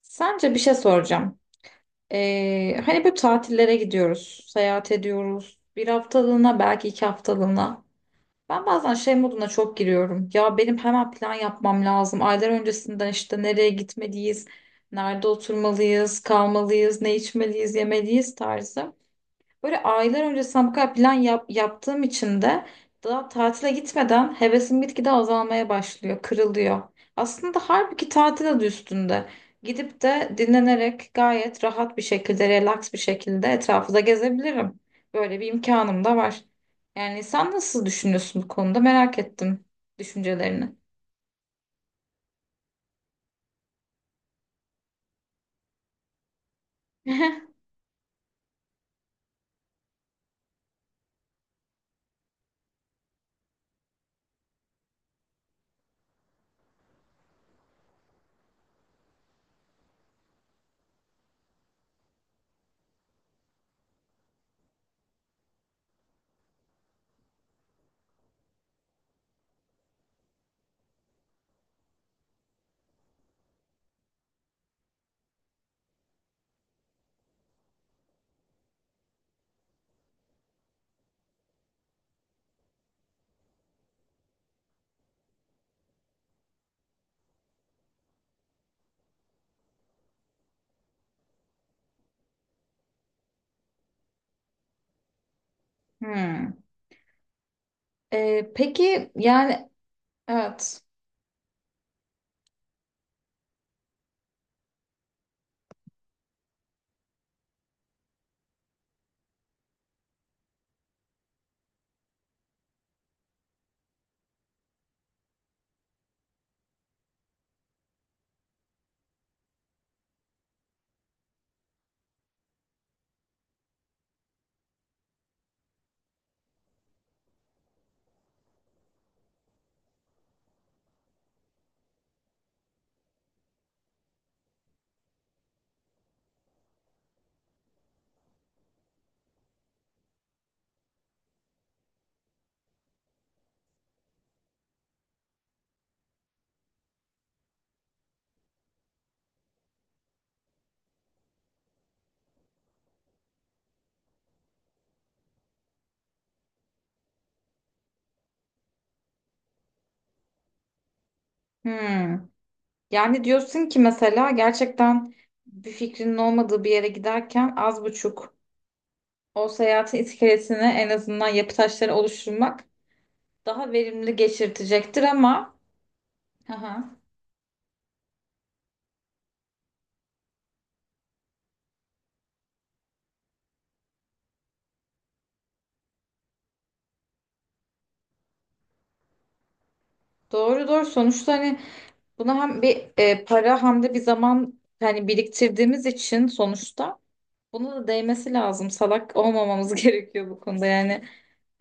Sence bir şey soracağım. Hani bu tatillere gidiyoruz, seyahat ediyoruz. Bir haftalığına, belki iki haftalığına. Ben bazen şey moduna çok giriyorum. Ya benim hemen plan yapmam lazım. Aylar öncesinden işte nereye gitmeliyiz, nerede oturmalıyız, kalmalıyız, ne içmeliyiz, yemeliyiz tarzı. Böyle aylar öncesinden bu kadar plan yap- yaptığım için de daha tatile gitmeden hevesim gitgide azalmaya başlıyor, kırılıyor. Aslında halbuki tatil adı üstünde. Gidip de dinlenerek gayet rahat bir şekilde, relax bir şekilde etrafı da gezebilirim. Böyle bir imkanım da var. Yani sen nasıl düşünüyorsun bu konuda? Merak ettim düşüncelerini. Hmm. Peki yani evet. Hmm. Yani diyorsun ki mesela gerçekten bir fikrinin olmadığı bir yere giderken az buçuk o seyahatin iskelesini, en azından yapı taşları oluşturmak daha verimli geçirtecektir ama hı hı, doğru doğru. Sonuçta hani buna hem bir para hem de bir zaman hani biriktirdiğimiz için sonuçta buna da değmesi lazım. Salak olmamamız gerekiyor bu konuda. Yani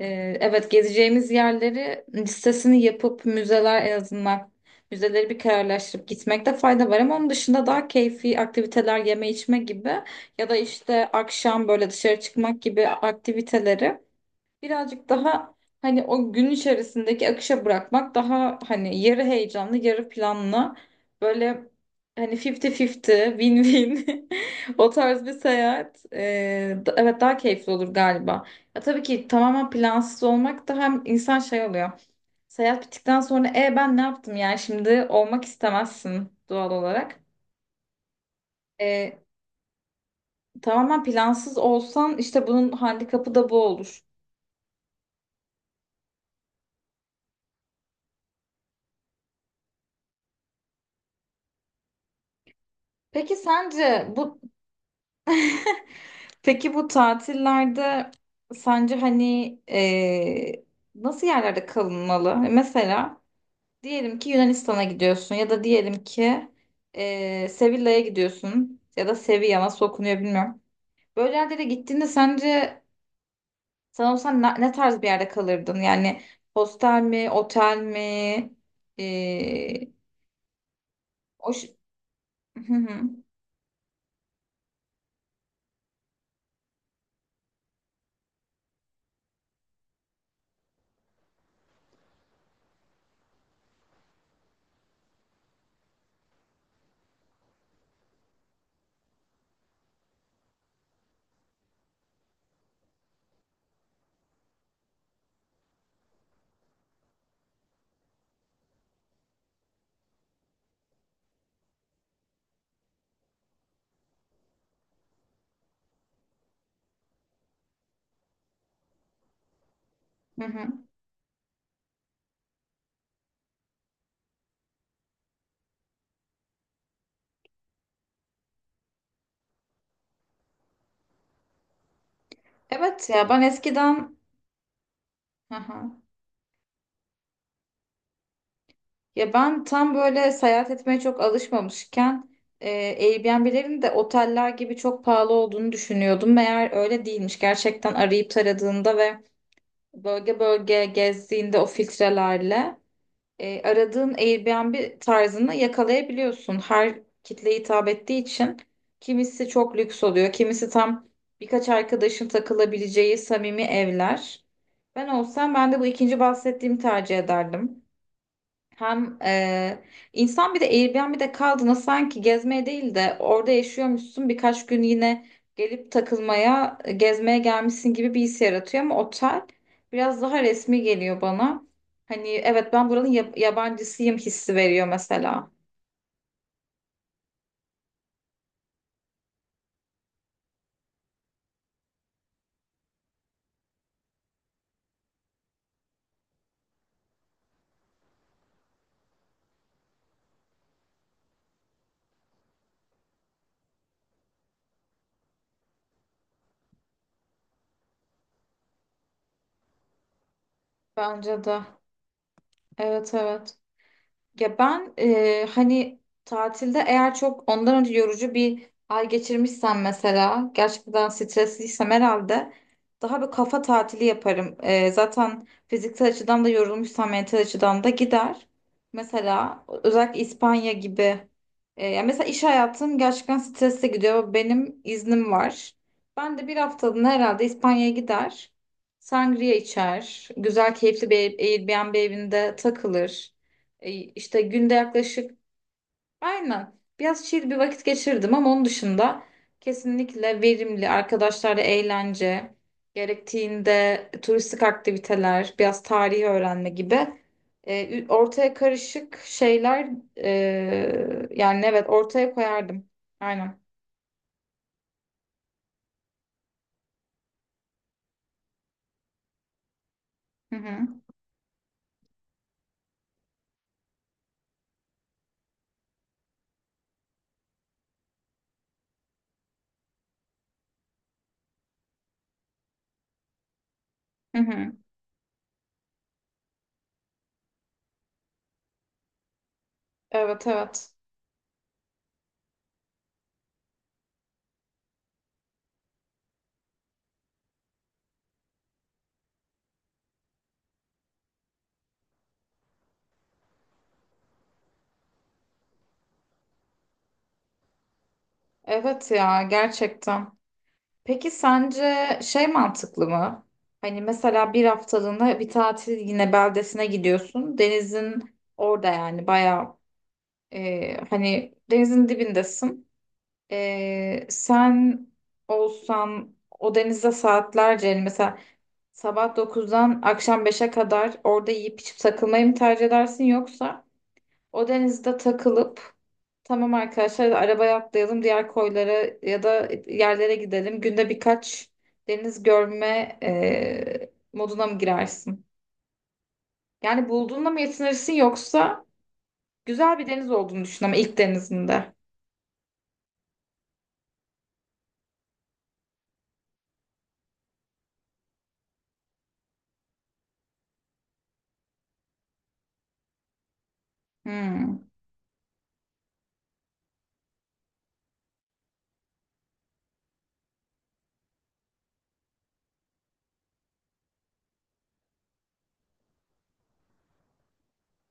Evet, gezeceğimiz yerleri listesini yapıp müzeler, en azından müzeleri bir kararlaştırıp gitmekte fayda var, ama onun dışında daha keyfi aktiviteler, yeme içme gibi ya da işte akşam böyle dışarı çıkmak gibi aktiviteleri birazcık daha hani o gün içerisindeki akışa bırakmak daha hani yarı heyecanlı yarı planlı, böyle hani 50-50 win-win, o tarz bir evet, daha keyifli olur galiba. Ya tabii ki tamamen plansız olmak da hem insan şey oluyor. Seyahat bittikten sonra ben ne yaptım yani şimdi olmak istemezsin doğal olarak. E, Tamamen plansız olsan işte bunun handikapı da bu olur. Peki sence bu Peki bu tatillerde sence hani eee, nasıl yerlerde kalınmalı? Mesela diyelim ki Yunanistan'a gidiyorsun ya da diyelim ki Sevilla'ya gidiyorsun, ya da Sevilla nasıl okunuyor bilmiyorum. Böyle yerlere gittiğinde sence sen olsan ne tarz bir yerde kalırdın? Yani hostel mi, otel mi? Eee, o ş- Hı hı, hı hı. Evet, ya ben eskiden hı hı. Ya ben tam böyle seyahat etmeye çok alışmamışken e, Airbnb'lerin de oteller gibi çok pahalı olduğunu düşünüyordum. Meğer öyle değilmiş. Gerçekten arayıp taradığında ve bölge bölge gezdiğinde o filtrelerle aradığın Airbnb tarzını yakalayabiliyorsun. Her kitleye hitap ettiği için kimisi çok lüks oluyor, kimisi tam birkaç arkadaşın takılabileceği samimi evler. Ben olsam ben de bu ikinci bahsettiğimi tercih ederdim. Hem insan bir de Airbnb'de kaldığında sanki gezmeye değil de orada yaşıyormuşsun birkaç gün, yine gelip takılmaya, gezmeye gelmişsin gibi bir his yaratıyor, ama otel biraz daha resmi geliyor bana. Hani evet, ben buranın yabancısıyım hissi veriyor mesela. Bence de. Evet, evet. Ya ben hani tatilde eğer çok ondan önce yorucu bir ay geçirmişsem, mesela gerçekten stresliysem, herhalde daha bir kafa tatili yaparım. Zaten fiziksel açıdan da yorulmuşsam mental açıdan da gider. Mesela özellikle İspanya gibi. Ya mesela iş hayatım gerçekten stresli gidiyor. Benim iznim var. Ben de bir haftalığına herhalde İspanya'ya gider. Sangria içer. Güzel keyifli bir Airbnb evinde takılır. İşte günde yaklaşık aynen biraz chill bir vakit geçirdim, ama onun dışında kesinlikle verimli arkadaşlarla eğlence, gerektiğinde turistik aktiviteler, biraz tarihi öğrenme gibi ortaya karışık şeyler, yani evet, ortaya koyardım. Aynen. Hı hı. Hı hı. Evet evet. Evet ya, gerçekten. Peki sence şey mantıklı mı? Hani mesela bir haftalığına bir tatil yine beldesine gidiyorsun. Denizin orada, yani bayağı hani denizin dibindesin. Sen olsan o denizde saatlerce, yani mesela sabah dokuzdan akşam beşe kadar orada yiyip içip takılmayı mı tercih edersin, yoksa o denizde takılıp "Tamam arkadaşlar, arabaya atlayalım, diğer koylara ya da yerlere gidelim. Günde birkaç deniz görme moduna mı girersin?" Yani bulduğunla mı yetinirsin yoksa güzel bir deniz olduğunu düşün ama ilk denizinde. Hmm.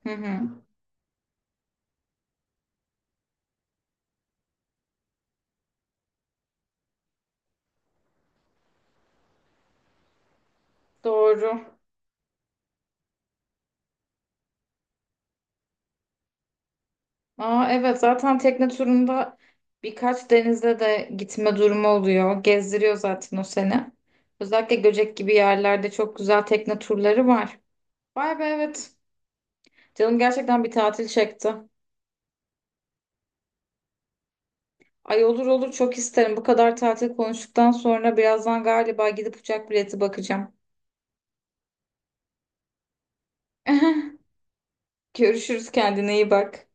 Hı hı. Doğru. Aa, evet, zaten tekne turunda birkaç denizde de gitme durumu oluyor. Gezdiriyor zaten o seni. Özellikle Göcek gibi yerlerde çok güzel tekne turları var. Vay be, evet. Canım gerçekten bir tatil çekti. Ay, olur olur, çok isterim. Bu kadar tatil konuştuktan sonra birazdan galiba gidip uçak bileti bakacağım. Görüşürüz, kendine iyi bak.